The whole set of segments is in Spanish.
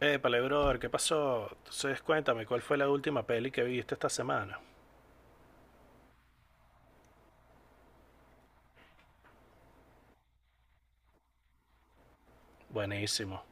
Pale brother, ¿qué pasó? Entonces cuéntame, ¿cuál fue la última peli que viste esta semana? Buenísimo.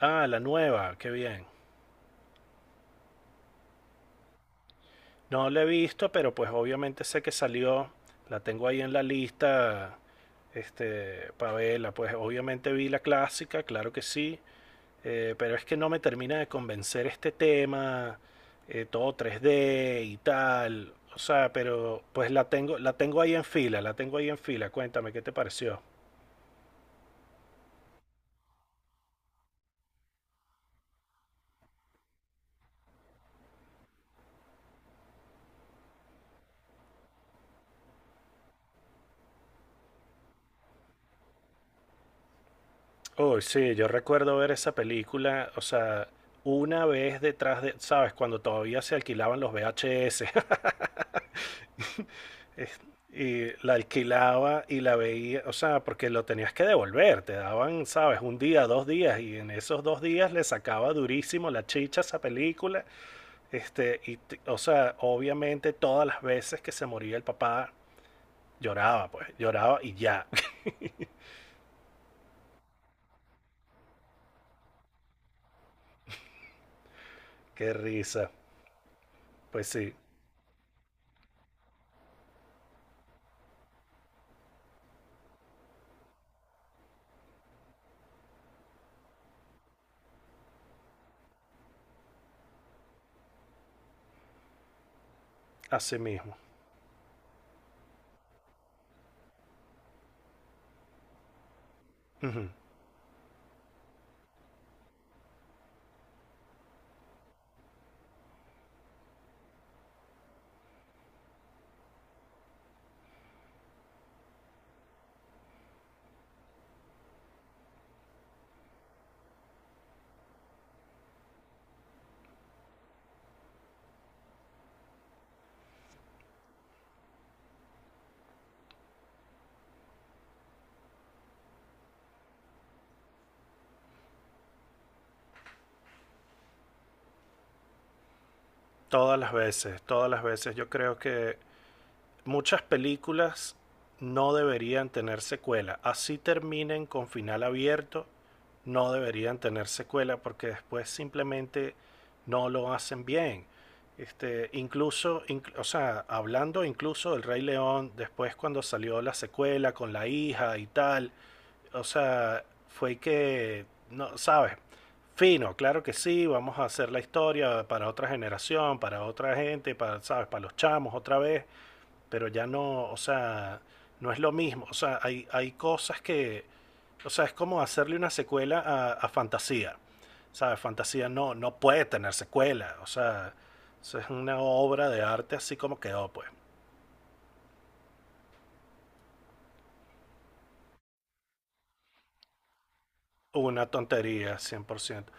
Ah, la nueva, qué bien. No la he visto, pero pues obviamente sé que salió. La tengo ahí en la lista, para verla. Pues obviamente vi la clásica, claro que sí. Pero es que no me termina de convencer este tema, todo 3D y tal. O sea, pero pues la tengo ahí en fila, la tengo ahí en fila. Cuéntame, ¿qué te pareció? Oh, sí, yo recuerdo ver esa película, o sea, una vez detrás de, ¿sabes? Cuando todavía se alquilaban los VHS. Es- Y la alquilaba y la veía, o sea, porque lo tenías que devolver, te daban, ¿sabes? Un día, dos días, y en esos dos días le sacaba durísimo la chicha a esa película. O sea, obviamente todas las veces que se moría el papá, lloraba, pues, lloraba y ya. Qué risa. Pues sí, así mismo. Ujú. Todas las veces, todas las veces. Yo creo que muchas películas no deberían tener secuela. Así terminen con final abierto, no deberían tener secuela porque después simplemente no lo hacen bien. O sea, hablando incluso del Rey León, después cuando salió la secuela con la hija y tal, o sea, fue que, no, ¿sabes? Fino, claro que sí, vamos a hacer la historia para otra generación, para otra gente, para, ¿sabes? Para los chamos otra vez, pero ya no, o sea, no es lo mismo, o sea, hay cosas que, o sea, es como hacerle una secuela a Fantasía, ¿sabes? Fantasía no, no puede tener secuela, o sea, eso es una obra de arte así como quedó, pues. Una tontería, 100%.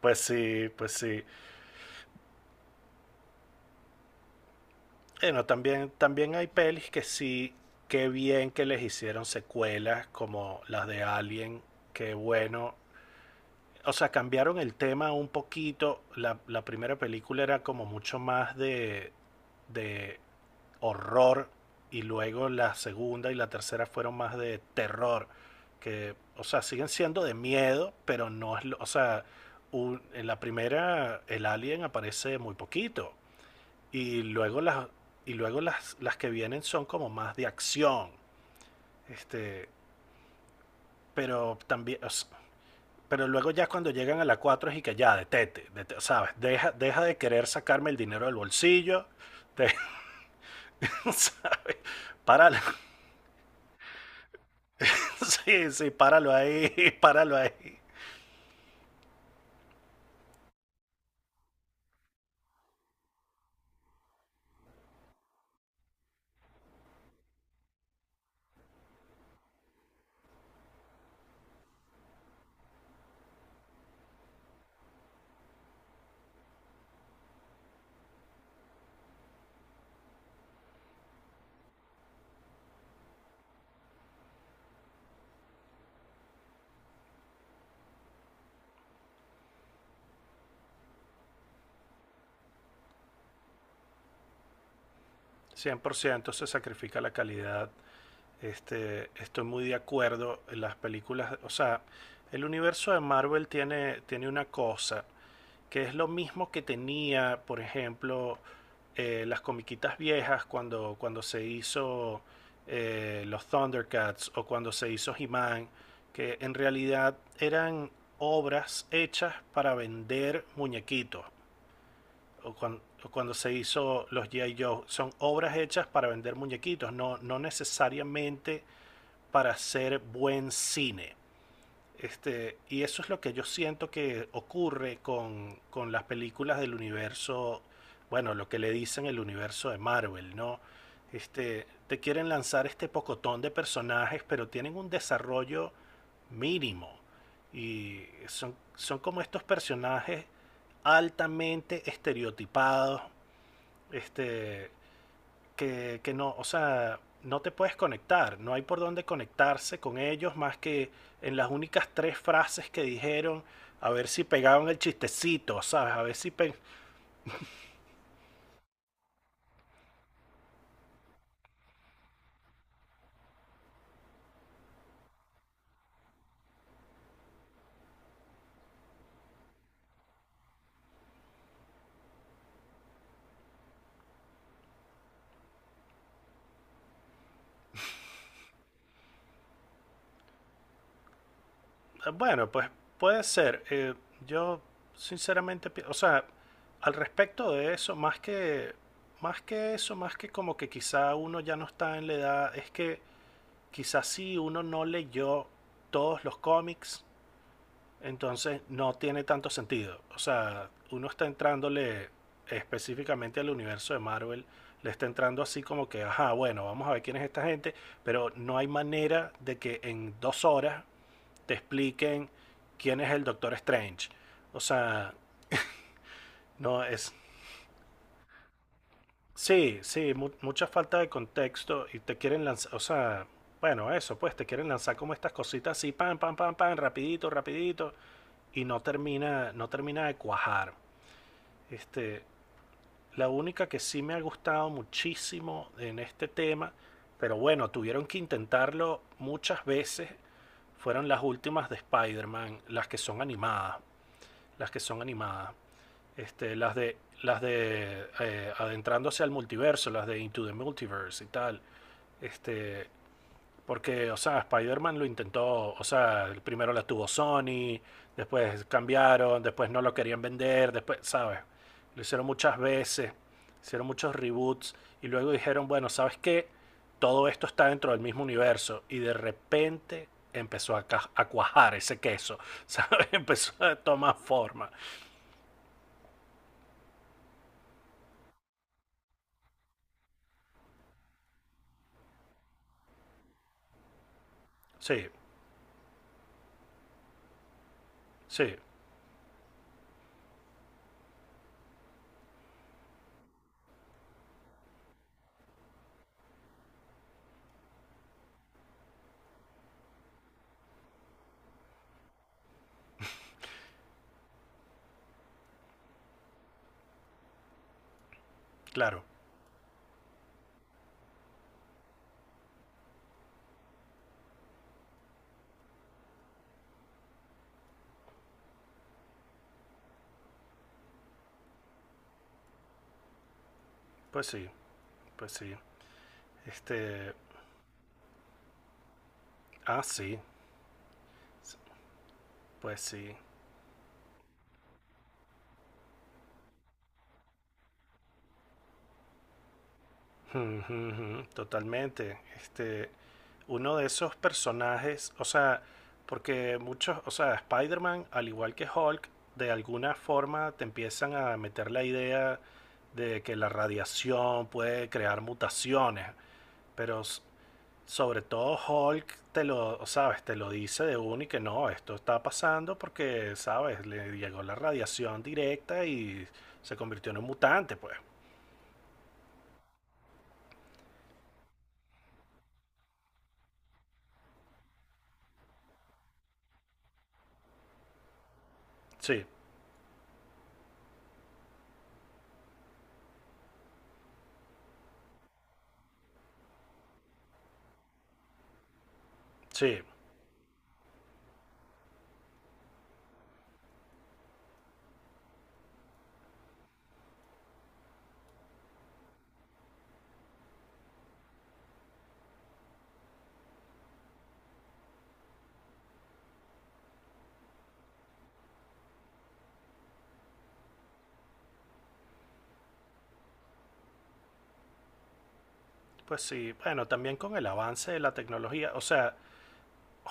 Pues sí, pues sí. Bueno, también, también hay pelis que sí, qué bien que les hicieron secuelas como las de Alien, qué bueno. O sea, cambiaron el tema un poquito. La primera película era como mucho más de horror y luego la segunda y la tercera fueron más de terror. Que, o sea, siguen siendo de miedo, pero no es. O sea, en la primera el alien aparece muy poquito. Y luego las, y luego las que vienen son como más de acción. Este, pero también, pero luego ya cuando llegan a la 4 es y que ya, ¿sabes? Deja, deja de querer sacarme el dinero del bolsillo, de- ¿sabes? Páralo, sí, sí, páralo ahí, páralo ahí. 100% se sacrifica la calidad. Estoy muy de acuerdo en las películas, o sea, el universo de Marvel tiene, tiene una cosa que es lo mismo que tenía, por ejemplo, las comiquitas viejas cuando, cuando se hizo los Thundercats o cuando se hizo He-Man, que en realidad eran obras hechas para vender muñequitos. O cuando se hizo los G.I. Joe, son obras hechas para vender muñequitos, no, no necesariamente para hacer buen cine. Y eso es lo que yo siento que ocurre con las películas del universo, bueno, lo que le dicen el universo de Marvel, ¿no? Te quieren lanzar este pocotón de personajes, pero tienen un desarrollo mínimo. Y son, son como estos personajes altamente estereotipados, este, que no, o sea, no te puedes conectar, no hay por dónde conectarse con ellos más que en las únicas tres frases que dijeron, a ver si pegaban el chistecito, ¿sabes? A ver si... pe- Bueno, pues puede ser. Yo sinceramente, o sea, al respecto de eso, más que eso, más que como que quizá uno ya no está en la edad, es que quizá sí uno no leyó todos los cómics. Entonces no tiene tanto sentido. O sea, uno está entrándole específicamente al universo de Marvel, le está entrando así como que, ajá, bueno, vamos a ver quién es esta gente, pero no hay manera de que en 2 horas te expliquen quién es el Doctor Strange. O sea, no es... Sí, sí, mucha falta de contexto y te quieren lanzar, o sea, bueno, eso, pues te quieren lanzar como estas cositas así, pam, pam, pam, pam, rapidito, rapidito, y no termina, no termina de cuajar. Este, la única que sí me ha gustado muchísimo en este tema, pero bueno, tuvieron que intentarlo muchas veces, fueron las últimas de Spider-Man, las que son animadas, las que son animadas. Este, las de las de adentrándose al multiverso, las de Into the Multiverse y tal. Este, Porque, o sea, Spider-Man lo intentó, o sea, primero la tuvo Sony, después cambiaron, después no lo querían vender, después, ¿sabes? Lo hicieron muchas veces, hicieron muchos reboots y luego dijeron, bueno, ¿sabes qué? Todo esto está dentro del mismo universo y de repente empezó a cuajar ese queso, ¿sabes? Empezó a tomar forma. Sí, sí, claro, pues sí, pues sí. Este, ah, sí, pues sí. Ujú. Totalmente. Uno de esos personajes, o sea, porque muchos, o sea, Spider-Man, al igual que Hulk, de alguna forma te empiezan a meter la idea de que la radiación puede crear mutaciones, pero sobre todo Hulk te lo, sabes, te lo dice de uno y que no, esto está pasando porque, sabes, le llegó la radiación directa y se convirtió en un mutante, pues. Sí, sí. Pues sí, bueno, también con el avance de la tecnología. O sea,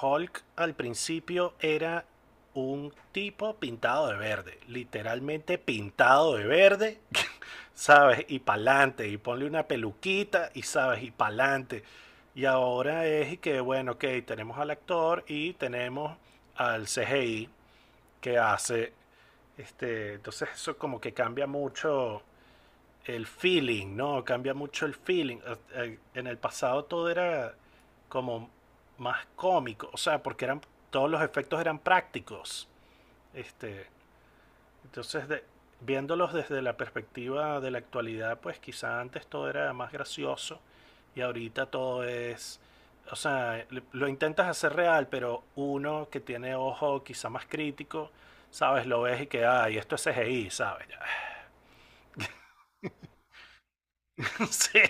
Hulk al principio era un tipo pintado de verde, literalmente pintado de verde, ¿sabes? Y pa'lante, y ponle una peluquita, y sabes, y pa'lante. Y ahora es y que, bueno, ok, tenemos al actor y tenemos al CGI que hace, entonces eso como que cambia mucho el feeling, ¿no? Cambia mucho el feeling. En el pasado todo era como más cómico, o sea, porque eran todos los efectos eran prácticos. Este, entonces de, Viéndolos desde la perspectiva de la actualidad, pues quizá antes todo era más gracioso y ahorita todo es o sea, lo intentas hacer real, pero uno que tiene ojo quizá más crítico, ¿sabes? Lo ves y que, ay, esto es CGI, ¿sabes? Ya. Sí,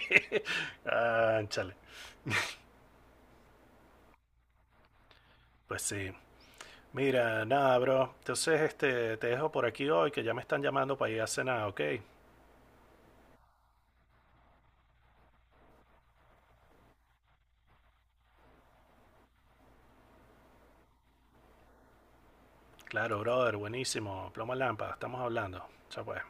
ánchale. Pues sí. Mira, nada, bro. Entonces, te dejo por aquí hoy, que ya me están llamando para ir a cenar, ¿ok? Claro, brother, buenísimo. Ploma lámpara, estamos hablando. Chao, pues.